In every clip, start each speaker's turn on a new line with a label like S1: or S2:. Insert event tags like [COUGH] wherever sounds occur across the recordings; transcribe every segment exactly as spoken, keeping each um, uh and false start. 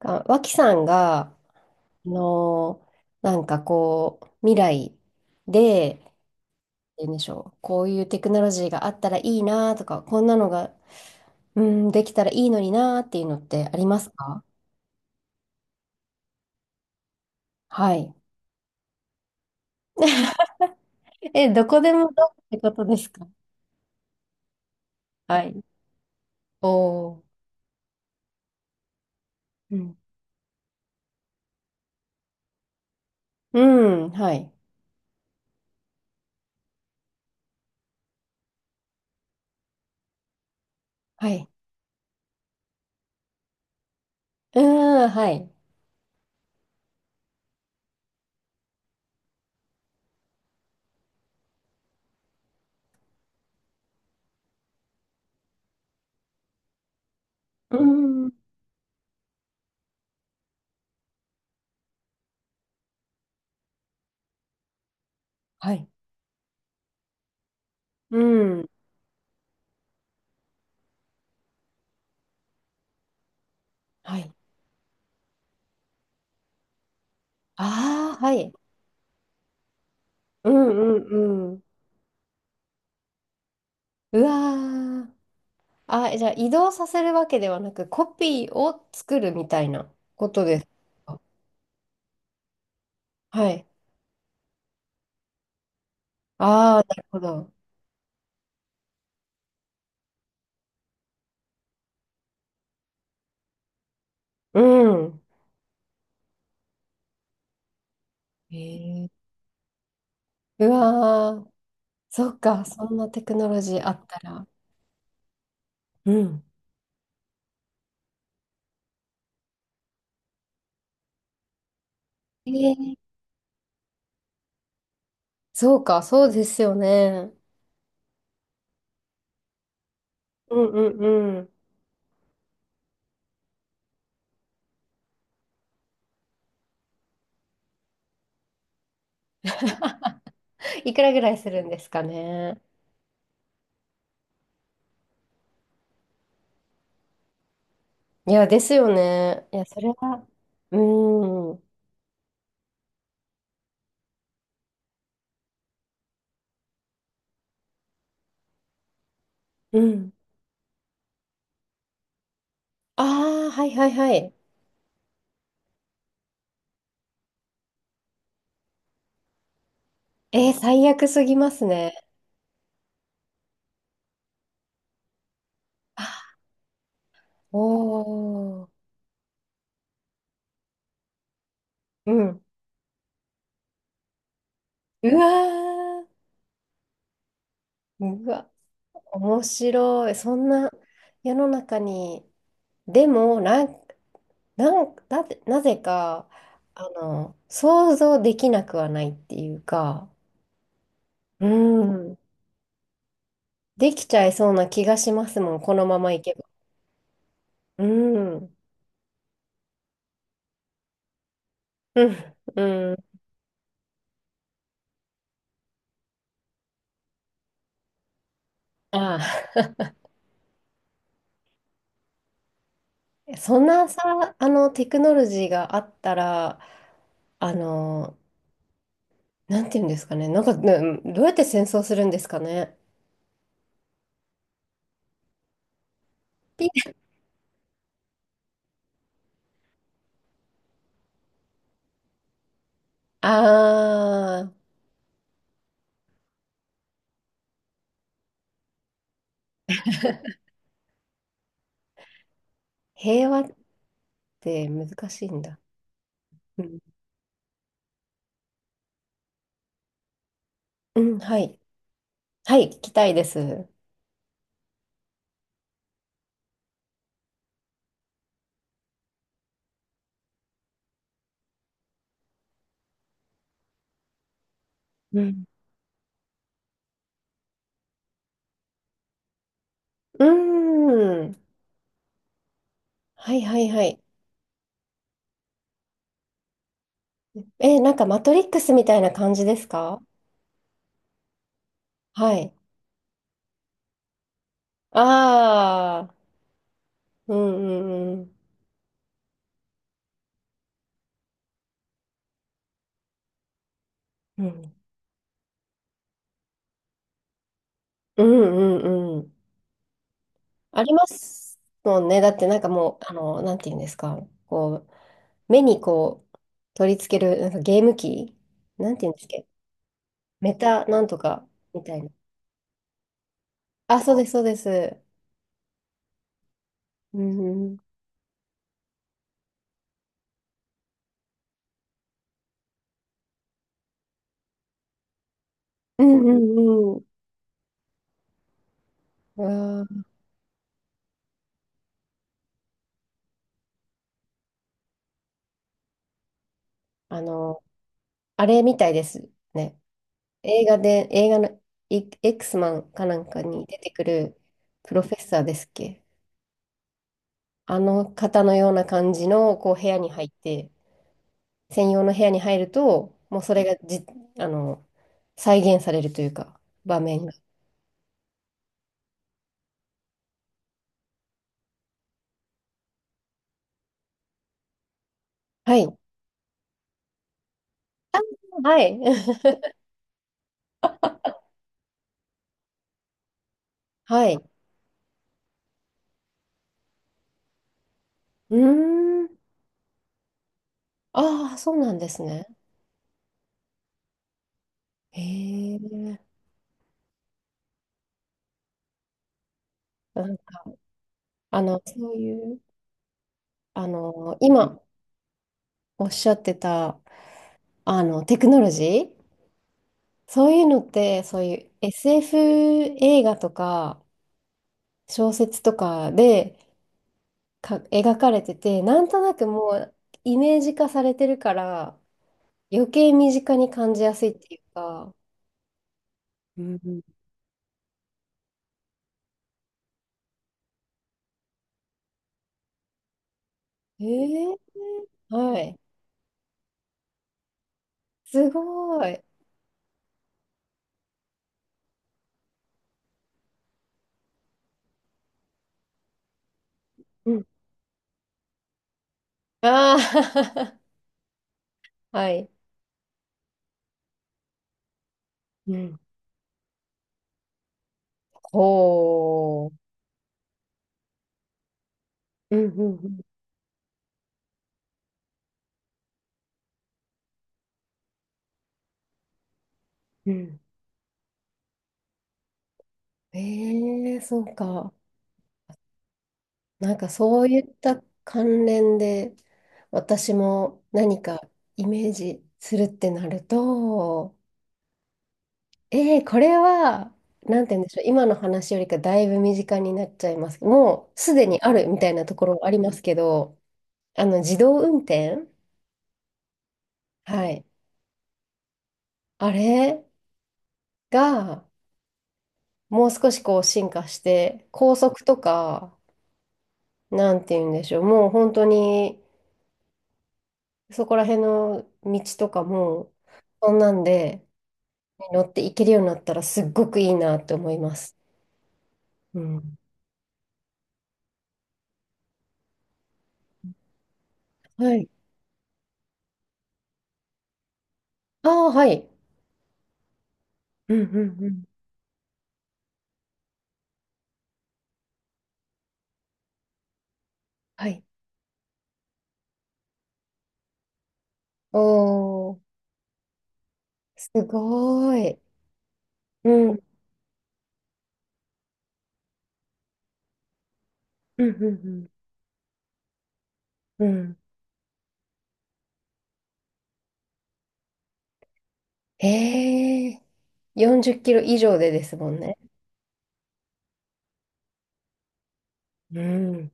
S1: あ、脇さんが、あのーなんかこう、未来で、言うんでしょう、こういうテクノロジーがあったらいいなとか、こんなのが、うん、できたらいいのになっていうのってありますか？はい。え、どこでもどうってことですか？はい。おー。うん。うん、はい。はい。うーん、はい。うん、はい。うん、はい。ああ、はい。うん、うん、うん。うわー。あ、え、じゃあ移動させるわけではなく、コピーを作るみたいなことですか。はい。ああ、なるほど。うん。ええ、うわー、そっか、そんなテクノロジーあったら。うん。えー、そうか、そうですよね。うんうんうん。いくらぐらいするんですかね？いや、ですよね。いや、それは、うん。うん。ああ、はいはいはい。えー、最悪すぎますね。あ、おー。うん。うわうー、うわ、面白い。そんな世の中に。でも、なん、なん、だって、なぜか、あの、想像できなくはないっていうか、うん、できちゃいそうな気がしますもん、このままいけば。うん、うん、うん、ああ。[LAUGHS] そんなさ、あの、テクノロジーがあったら、あの、なんていうんですかね、なんか、ね、どうやって戦争するんですかね？ああ。[LAUGHS] 平和って難しいんだ。うん、うん、はい。はい、聞きたいです。うん。うーん。はいはいはい。え、なんかマトリックスみたいな感じですか？はい。ああ、うんうんうん。うんうんうんうん。ありますもんね。だってなんかもう、あの、なんていうんですか。こう、目にこう、取り付ける、なんかゲーム機、なんていうんですっけ？メタなんとかみたい、あ、そうです、そうです。うんうん。うんうんうん。うわー、あの、あれみたいですね。映画で、映画のイ X マンかなんかに出てくるプロフェッサーですっけ？あの方のような感じのこう部屋に入って、専用の部屋に入ると、もうそれがじ、あの、再現されるというか、場面が。はい。あ、はい。[LAUGHS] はい。うーん。ああ、そうなんですね。へえ。あの、そういう、あの、今おっしゃってた、あの、テクノロジー、そういうのって、そういう エスエフ 映画とか小説とかでか描かれてて、なんとなくもうイメージ化されてるから、余計身近に感じやすいっていうか、うんうん、えー、はい、すごい。うん。ああ、[LAUGHS] はい。うん。ほう。うんうんうんうん。ええ、そうか。なんかそういった関連で、私も何かイメージするってなると、ええ、これは、なんて言うんでしょう、今の話よりかだいぶ身近になっちゃいます。もうすでにあるみたいなところありますけど、あの自動運転。はい。あれが、もう少しこう進化して、高速とか、なんて言うんでしょう、もう本当に、そこら辺の道とかも、そんなんで乗って行けるようになったらすっごくいいなって思います。うん。はい。ああ、はい。うんうんうん。はい。おー、すごーい。うん。うんうんうん。うん。へえ。よんじゅっキロ以上でですもんね。うん。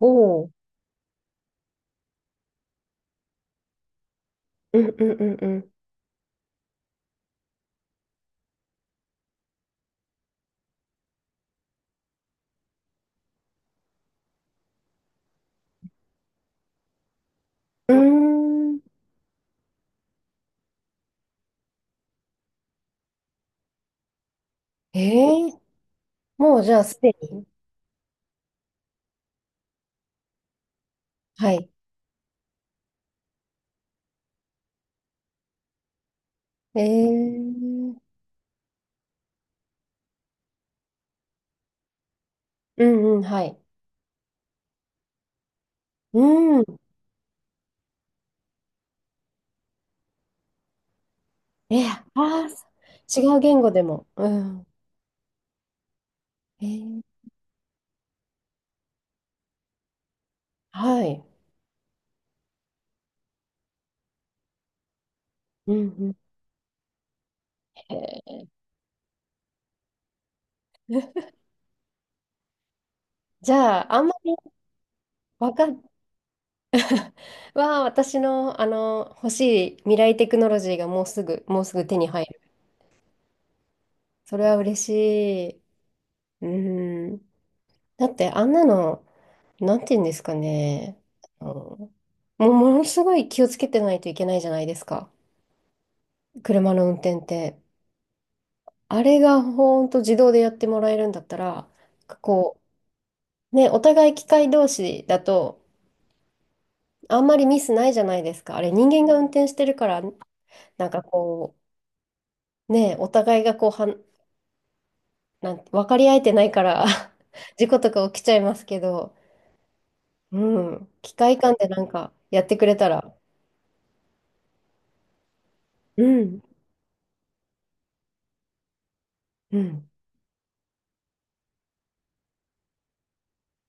S1: おー。うんうんうんうん。うーん。ええ。もうじゃあすでに。はい。ええ。うんうん、はい。うん、え、ああ、違う言語でも。うん。えー、はい。うんうん。えー [LAUGHS] じゃあ、あんまり、わかは私の、あの欲しい未来テクノロジーがもうすぐ、もうすぐ手に入る。それは嬉しい。うん。だって、あんなの、なんて言うんですかね。あのもうものすごい気をつけてないといけないじゃないですか。車の運転って。あれがほんと自動でやってもらえるんだったら、こう、ね、お互い機械同士だと、あんまりミスないじゃないですか。あれ、人間が運転してるから、なんかこう、ね、お互いがこう、はん、なんて、分かり合えてないから [LAUGHS] 事故とか起きちゃいますけど、うん、機械間でなんかやってくれたら、うん、うん。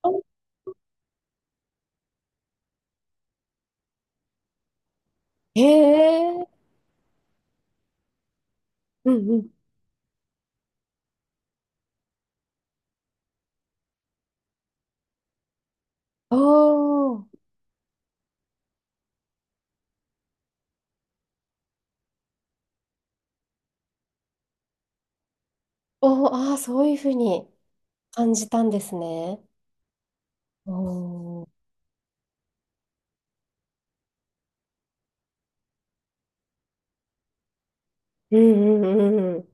S1: あ、へえ、うんうん。おー、おー、ああ、そういうふうに感じたんですね。おー、うんうんうんうん。